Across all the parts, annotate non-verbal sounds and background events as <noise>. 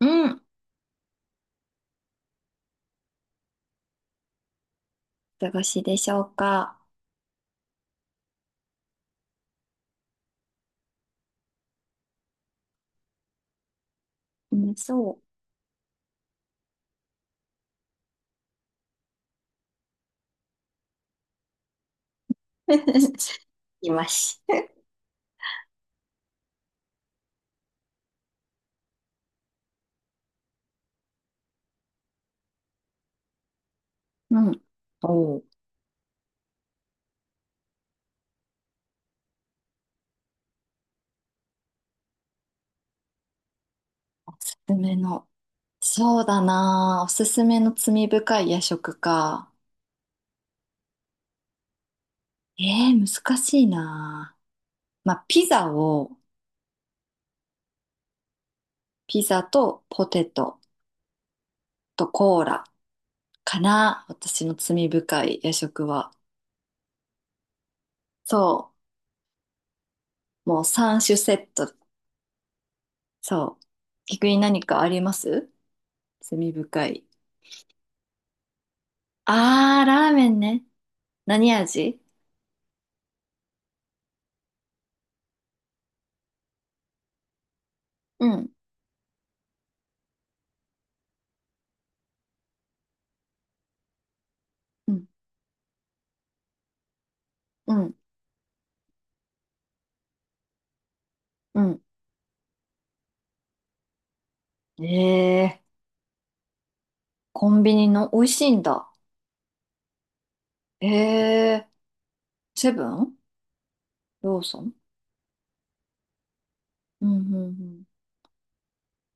うん。お過ごしでしょうか。うん、そう。<laughs> います。うん。おう。おすすめの。そうだなあ。おすすめの罪深い夜食か。えー、難しいなあ。まあ、ピザを、ピザとポテトとコーラかな。私の罪深い夜食は。そう。もう3種セット。そう。逆に何かあります？罪深い。あー、ラーメンね。何味？うんうん、うん、うん。ええ、コンビニの美味しいんだ。ええ、セブン、ローソン、うん、うん、うん。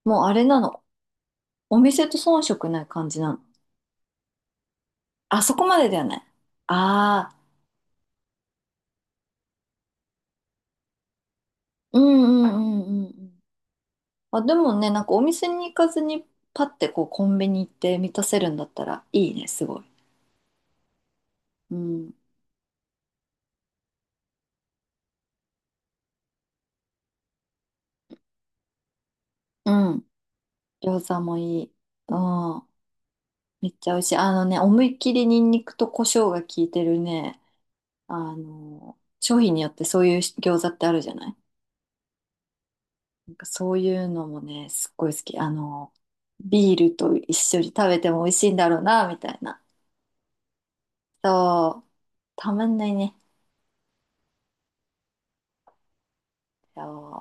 もうあれなの。お店と遜色ない感じなの。あそこまでだよね。ああ、うん、うん、うん、うんうん。あ、でもね、なんかお店に行かずにパッてこうコンビニ行って満たせるんだったらいいね、すごい。うん、うん。餃子もいい。うん。めっちゃ美味しい。あのね、思いっきりニンニクと胡椒が効いてるね。あの、商品によってそういう餃子ってあるじゃない？なんかそういうのもね、すっごい好き。あの、ビールと一緒に食べても美味しいんだろうな、みたいな。そう、たまんないね。そ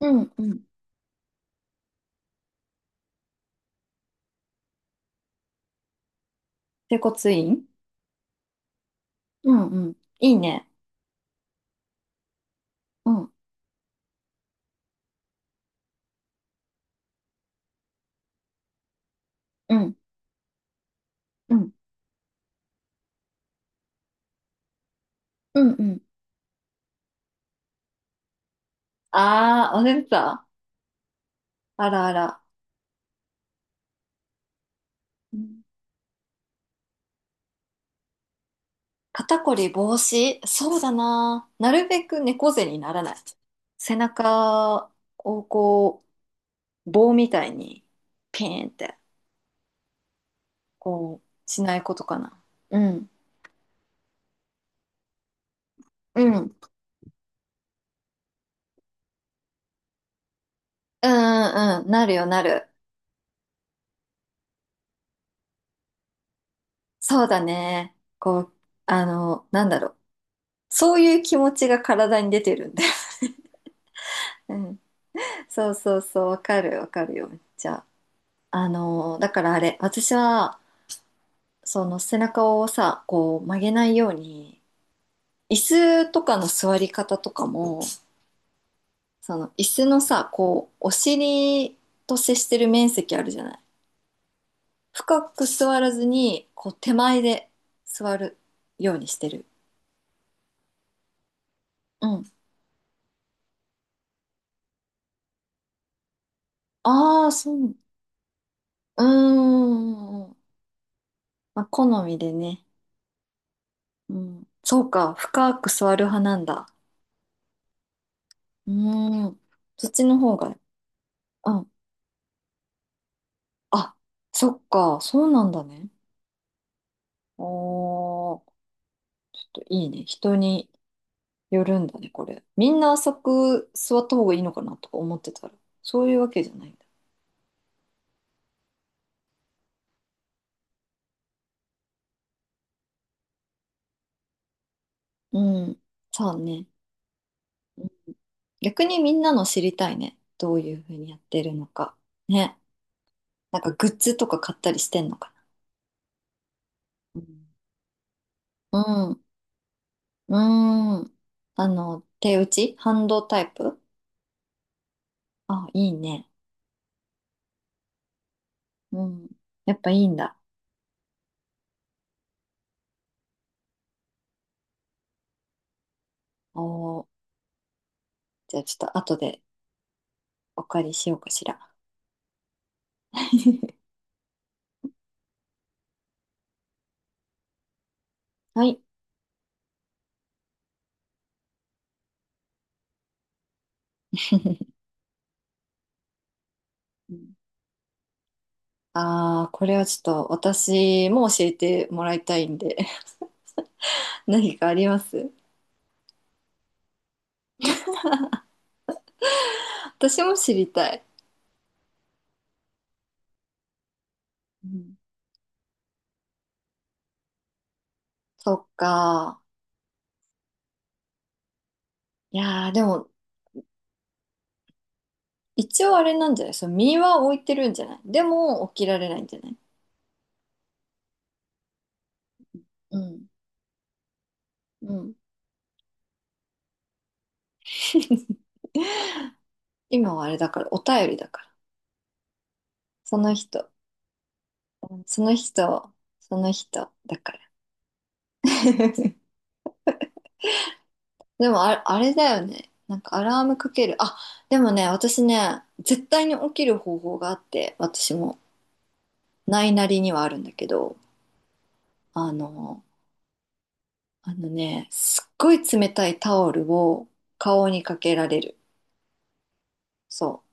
う。うんうん。整骨院。うんうん。いいね。うんうんうんうんうん。あー、忘れてた。あらあら。うん、肩こり防止そうだな。なるべく猫背にならない。背中をこ、棒みたいにピーンって、こうしないことかな。うん。うん。うんうんうん、なるよなる。そうだね。こう、なんだろう。そういう気持ちが体に出てるんだよ。<laughs> うん。そうそうそう。わかるわかるよ。じゃあ、だからあれ、私は、その背中をさ、こう曲げないように、椅子とかの座り方とかも、その椅子のさ、こう、お尻と接してる面積あるじゃない。深く座らずに、こう手前で座るようにしてる。うん。ああ、そう。うーん。まあ、好みでね。うん。そうか、深く座る派なんだ。うーん。そっちの方が。うん。あ、そっか、そうなんだね。おー、ちょっといいね。人によるんだね、これ。みんな浅く座った方がいいのかなとか思ってたら、そういうわけじゃないんだ。うん。そうね。逆にみんなの知りたいね。どういうふうにやってるのか。ね。なんかグッズとか買ったりしてんのかな。うん。うん。手打ちハンドタイプ。あ、いいね。うん。やっぱいいんだ。おー。じゃあちょっと後でお借りしようかしら。<laughs> はい。ああ、これはちょっと私も教えてもらいたいんで、 <laughs> 何かあります？私も知りたい。うん、そっか。いやー、でも一応あれなんじゃない？その身は置いてるんじゃない？でも起きられないんじゃない？うん。うん。<laughs> 今はあれだから、お便りだから。その人、その人、その人だから。<laughs> でもあれ、あれだよね。なんかアラームかける。あ、でもね、私ね、絶対に起きる方法があって、私もないなりにはあるんだけど、あの、あのね、すっごい冷たいタオルを顔にかけられる。そう。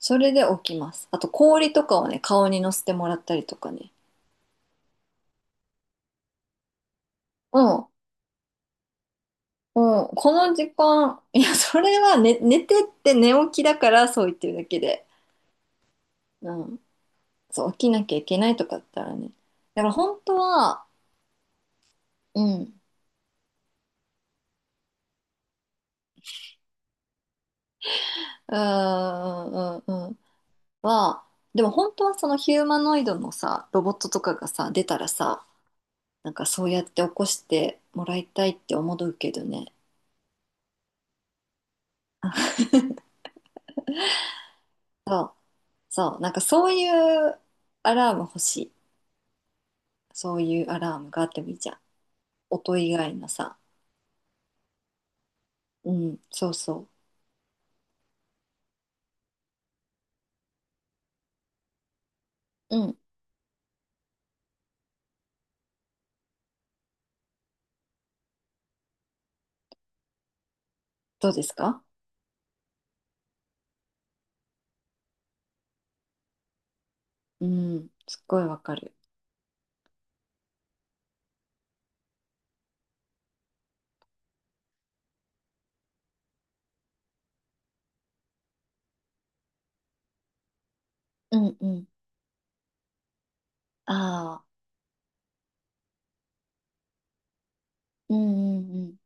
それで起きます。あと氷とかをね、顔にのせてもらったりとかね。うん。うん。この時間、いや、それは寝てって寝起きだからそう言ってるだけで。うん。そう、起きなきゃいけないとかだったらね。だから本当は、うん。うーん、うん、うん。は、でも本当はそのヒューマノイドのさ、ロボットとかがさ、出たらさ、なんかそうやって起こしてもらいたいって思うけどね。そう、そう、なんかそういうアラーム欲しい。そういうアラームがあってもいいじゃん。音以外のさ。うん、そうそう。うん、どうですか？うん、すっごいわかる。うんうん。ああ、うんうんうん。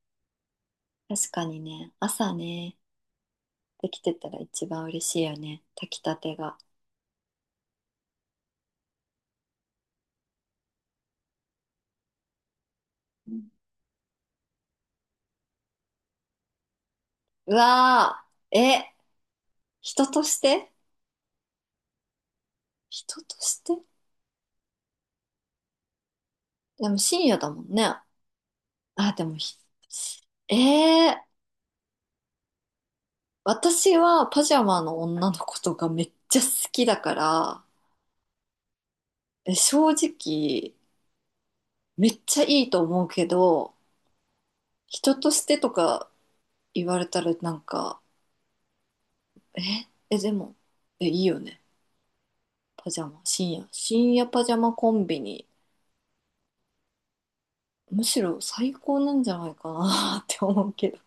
確かにね、朝ね、できてたら一番嬉しいよね。炊きたてが。うん、うわー、え、人として？人として？でも深夜だもんね。あ、でもひ、えー、私はパジャマの女の子とかめっちゃ好きだから、え正直、めっちゃいいと思うけど、人としてとか言われたらなんか、え、え、でも、え、いいよね。パジャマ、深夜、深夜パジャマコンビニ、むしろ最高なんじゃないかな <laughs> って思うけど。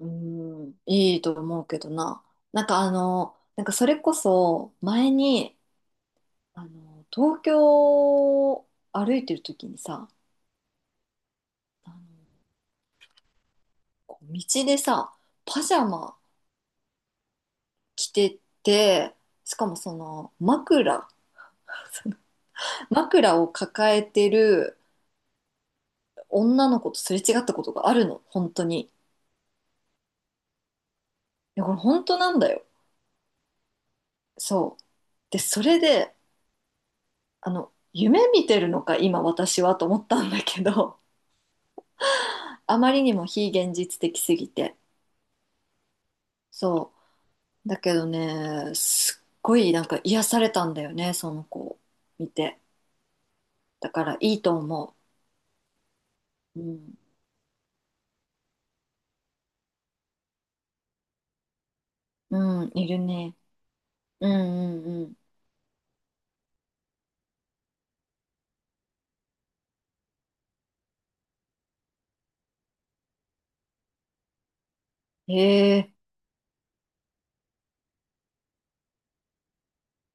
うーん、いいと思うけどな。なんかあの、なんかそれこそ前に、あの、東京を歩いてる時にさ、あの、こう道でさ、パジャマ着てて、しかもその枕を抱えてる女の子とすれ違ったことがあるの、本当に。いや、これ本当なんだよ。そう。で、それで、あの、夢見てるのか、今私はと思ったんだけど、<laughs> あまりにも非現実的すぎて。そう。だけどね、すっごいなんか癒されたんだよね、その子を見て。だからいいと思う。うん。うん、いるね。うんうんうん。へえ。